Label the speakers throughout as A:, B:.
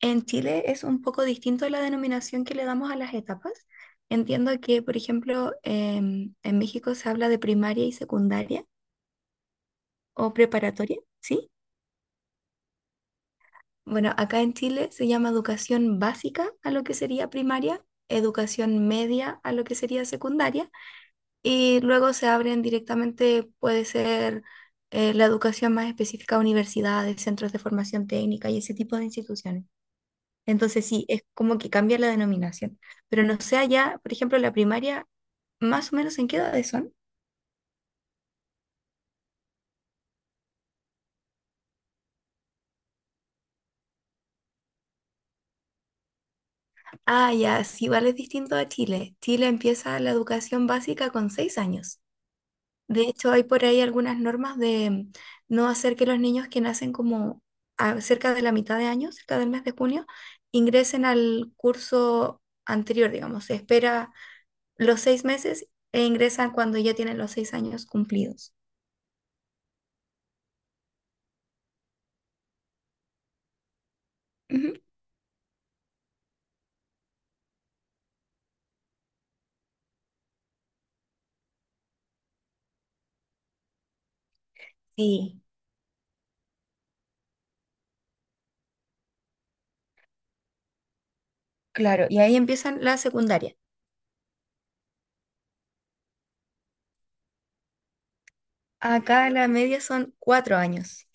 A: En Chile es un poco distinto la denominación que le damos a las etapas. Entiendo que, por ejemplo, en México se habla de primaria y secundaria o preparatoria, ¿sí? Bueno, acá en Chile se llama educación básica a lo que sería primaria, educación media a lo que sería secundaria, y luego se abren directamente, puede ser la educación más específica a universidades, centros de formación técnica y ese tipo de instituciones. Entonces sí, es como que cambia la denominación. Pero no sé allá, por ejemplo, la primaria, más o menos en qué edades son. Ah, ya, sí, vale, es distinto a Chile. Chile empieza la educación básica con 6 años. De hecho, hay por ahí algunas normas de no hacer que los niños que nacen como cerca de la mitad de año, cerca del mes de junio, ingresen al curso anterior, digamos. Se espera los 6 meses e ingresan cuando ya tienen los 6 años cumplidos. Ujú. Sí, claro, y ahí empiezan la secundaria. Acá la media son 4 años.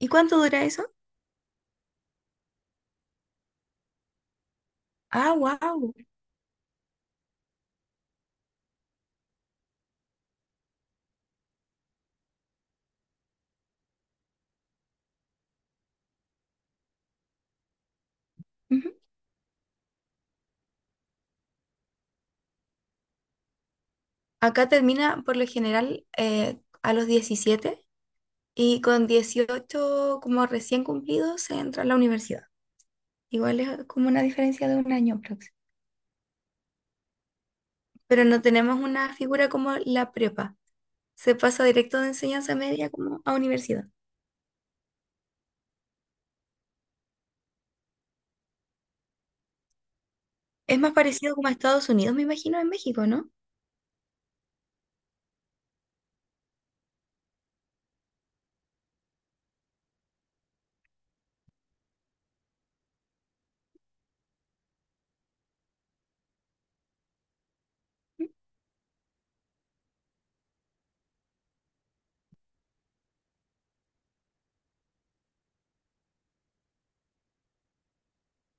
A: ¿Y cuánto dura eso? Ah, wow. Acá termina por lo general a los 17 y con 18 como recién cumplidos se entra a la universidad. Igual es como una diferencia de un año próximo. Pero no tenemos una figura como la prepa. Se pasa directo de enseñanza media como a universidad. Es más parecido como a Estados Unidos, me imagino, en México, ¿no?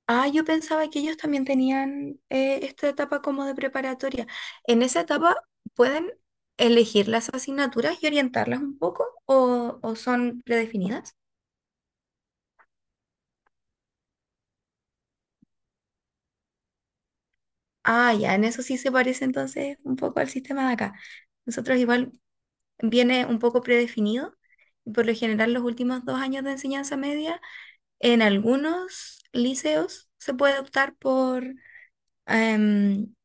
A: Ah, yo pensaba que ellos también tenían esta etapa como de preparatoria. En esa etapa pueden elegir las asignaturas y orientarlas un poco o son predefinidas. Ah, ya, en eso sí se parece entonces un poco al sistema de acá. Nosotros igual viene un poco predefinido y por lo general los últimos 2 años de enseñanza media en algunos liceos se puede optar por, em,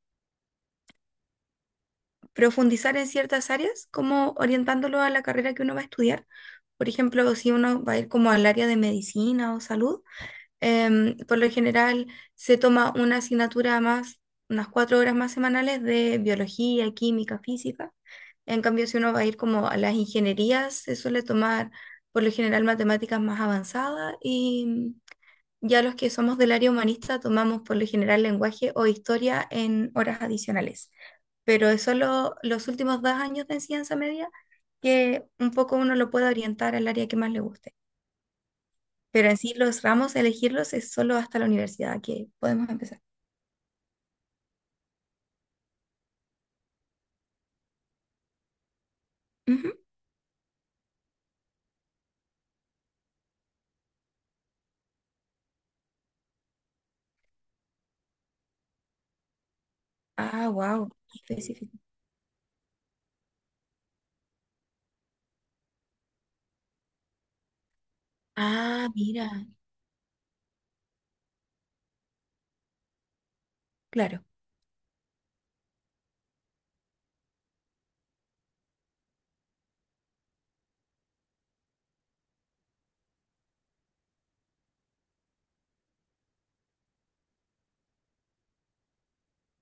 A: profundizar en ciertas áreas, como orientándolo a la carrera que uno va a estudiar. Por ejemplo, si uno va a ir como al área de medicina o salud, por lo general se toma una asignatura más, unas 4 horas más semanales de biología, química, física. En cambio, si uno va a ir como a las ingenierías, se suele tomar por lo general matemáticas más avanzadas y ya los que somos del área humanista tomamos por lo general lenguaje o historia en horas adicionales, pero es solo los últimos 2 años de enseñanza media que un poco uno lo puede orientar al área que más le guste. Pero en sí los ramos, elegirlos es solo hasta la universidad que podemos empezar. Ujú. Ah, wow, específico. Ah, mira, claro.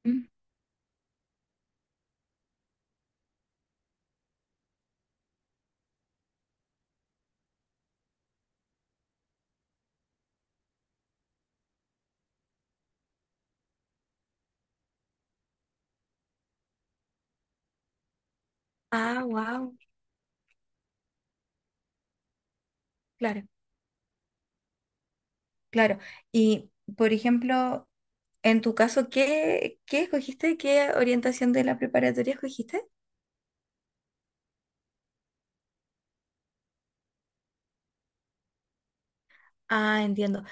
A: Mm. Ah, wow, claro, claro. Y, por ejemplo, en tu caso, ¿qué escogiste? ¿Qué orientación de la preparatoria escogiste? Ah, entiendo.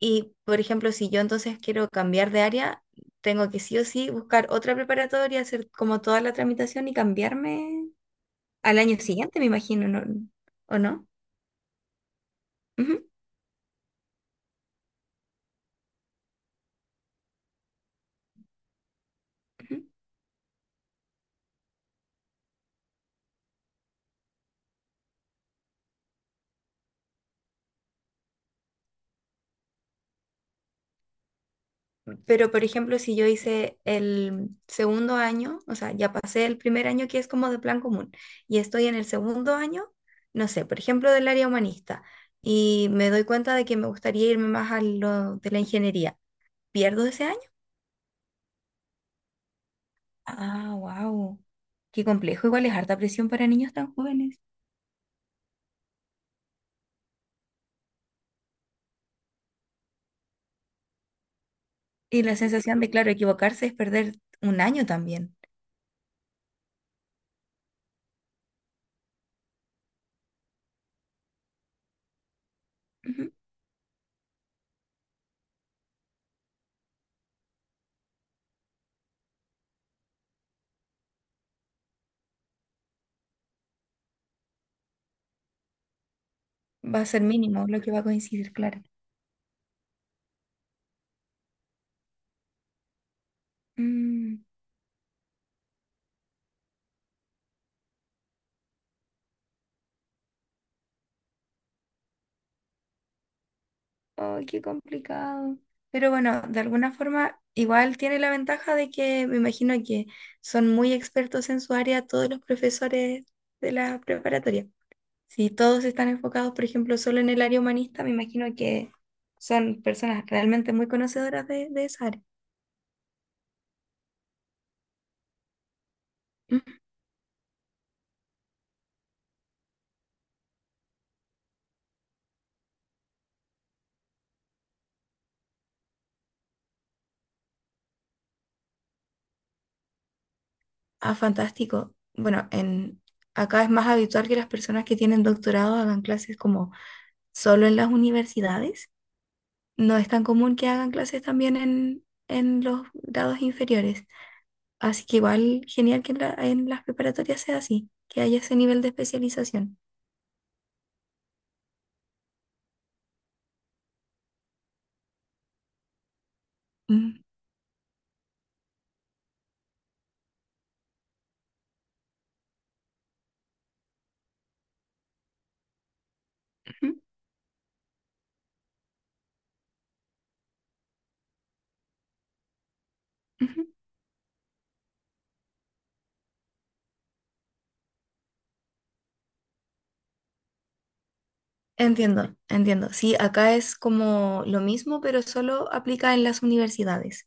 A: Y, por ejemplo, si yo entonces quiero cambiar de área, tengo que sí o sí buscar otra preparatoria, hacer como toda la tramitación y cambiarme al año siguiente, me imagino, ¿no? ¿O no? Ujú, ujú. Pero, por ejemplo, si yo hice el segundo año, o sea, ya pasé el primer año que es como de plan común, y estoy en el segundo año, no sé, por ejemplo, del área humanista, y me doy cuenta de que me gustaría irme más a lo de la ingeniería, ¿pierdo ese año? Ah, wow. Qué complejo. Igual es harta presión para niños tan jóvenes. Y la sensación de, claro, equivocarse es perder un año también. Ujú. Va a ser mínimo lo que va a coincidir, claro. Mm, ay, qué complicado. Pero bueno, de alguna forma, igual tiene la ventaja de que me imagino que son muy expertos en su área todos los profesores de la preparatoria. Si todos están enfocados, por ejemplo, solo en el área humanista, me imagino que son personas realmente muy conocedoras de esa área. Ah, fantástico. Bueno, acá es más habitual que las personas que tienen doctorado hagan clases como solo en las universidades. No es tan común que hagan clases también en los grados inferiores. Así que igual genial que en las preparatorias sea así, que haya ese nivel de especialización. Mm, ujú, ujú. Entiendo, entiendo. Sí, acá es como lo mismo, pero solo aplica en las universidades.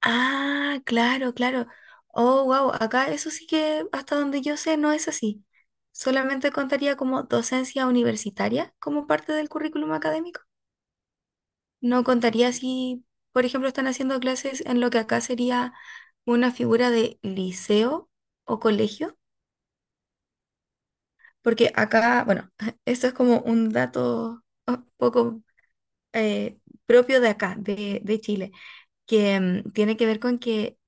A: Ah, claro, claro. Oh, wow, acá eso sí que hasta donde yo sé no es así. Solamente contaría como docencia universitaria como parte del currículum académico. No contaría si, por ejemplo, están haciendo clases en lo que acá sería una figura de liceo o colegio, porque acá, bueno, esto es como un dato un poco eh, propio de acá, de Chile, que tiene que ver con que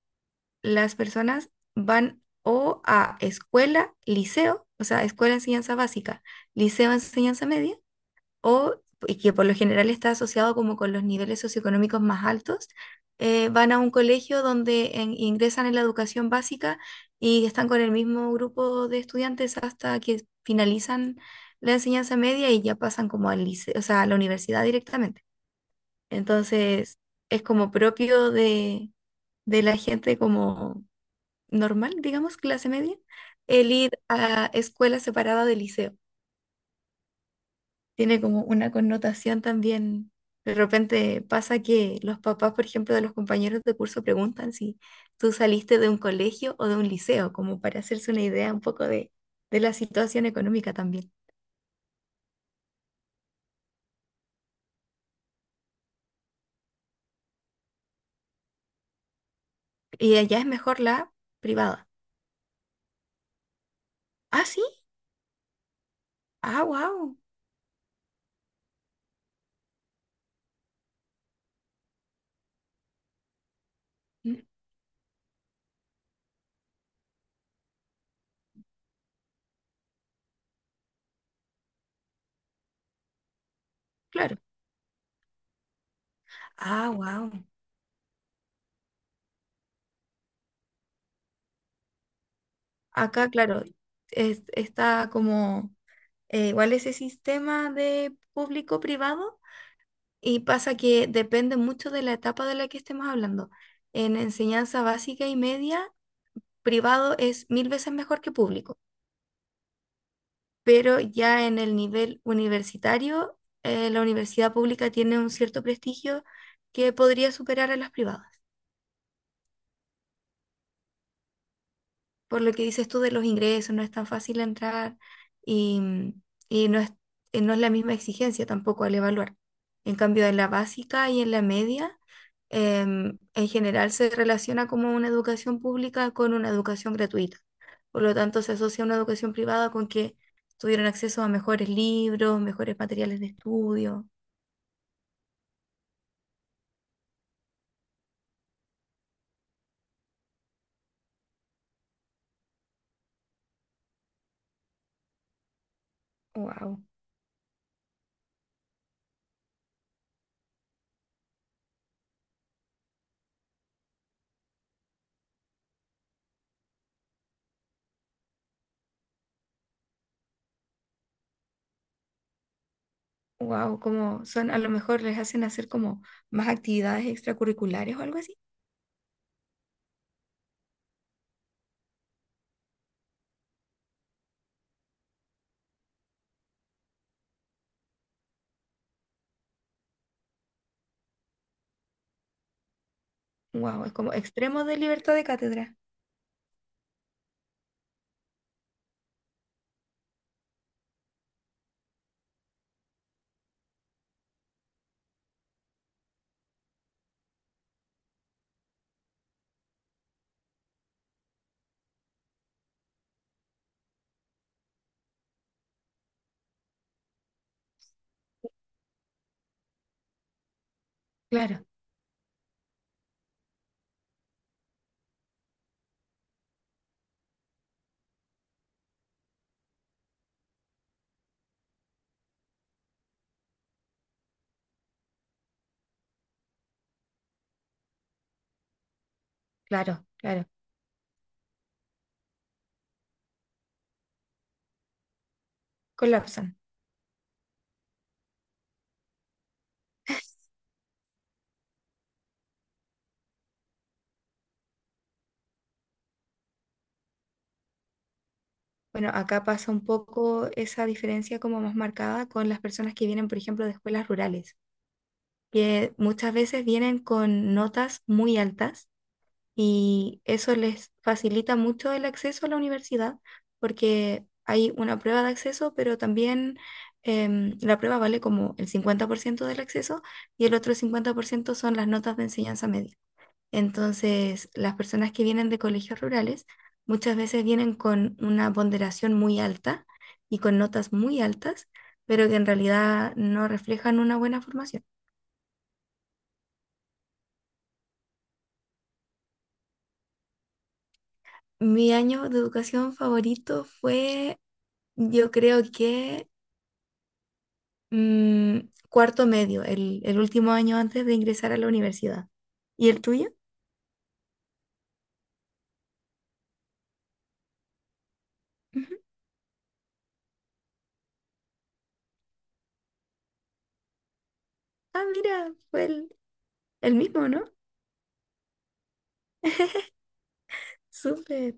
A: las personas van o a escuela, liceo, o sea, escuela enseñanza básica, liceo enseñanza media, o, y que por lo general está asociado como con los niveles socioeconómicos más altos, van a un colegio donde ingresan en la educación básica y están con el mismo grupo de estudiantes hasta que finalizan la enseñanza media y ya pasan como al liceo, o sea, a la universidad directamente. Entonces, es como propio de la gente como normal, digamos, clase media, el ir a escuela separada de liceo. Tiene como una connotación también. De repente pasa que los papás, por ejemplo, de los compañeros de curso preguntan si tú saliste de un colegio o de un liceo, como para hacerse una idea un poco de la situación económica también. Y allá es mejor la privada. Ah, sí. Ah, wow. Claro. Ah, wow. Acá, claro, está como igual ese sistema de público-privado y pasa que depende mucho de la etapa de la que estemos hablando. En enseñanza básica y media, privado es mil veces mejor que público, pero ya en el nivel universitario, la universidad pública tiene un cierto prestigio que podría superar a las privadas. Por lo que dices tú de los ingresos, no es tan fácil entrar y, mm, y no es la misma exigencia tampoco al evaluar. En cambio, en la básica y en la media, en general se relaciona como una educación pública con una educación gratuita. Por lo tanto, se asocia una educación privada con que tuvieron acceso a mejores libros, mejores materiales de estudio. Wow, wow, como son, a lo mejor les hacen hacer como más actividades extracurriculares o algo así. Wow, es como extremos de libertad de cátedra. Claro, claro, claro. Colapsan. Bueno, acá pasa un poco esa diferencia como más marcada con las personas que vienen, por ejemplo, de escuelas rurales, que muchas veces vienen con notas muy altas y eso les facilita mucho el acceso a la universidad porque hay una prueba de acceso, pero también la prueba vale como el 50% del acceso y el otro 50% son las notas de enseñanza media. Entonces, las personas que vienen de colegios rurales muchas veces vienen con una ponderación muy alta y con notas muy altas, pero que en realidad no reflejan una buena formación. Mi año de educación favorito fue, yo creo que mm, cuarto medio, el último año antes de ingresar a la universidad. ¿Y el tuyo? Ujú. Ah, mira, fue el mismo, ¿no? Súper.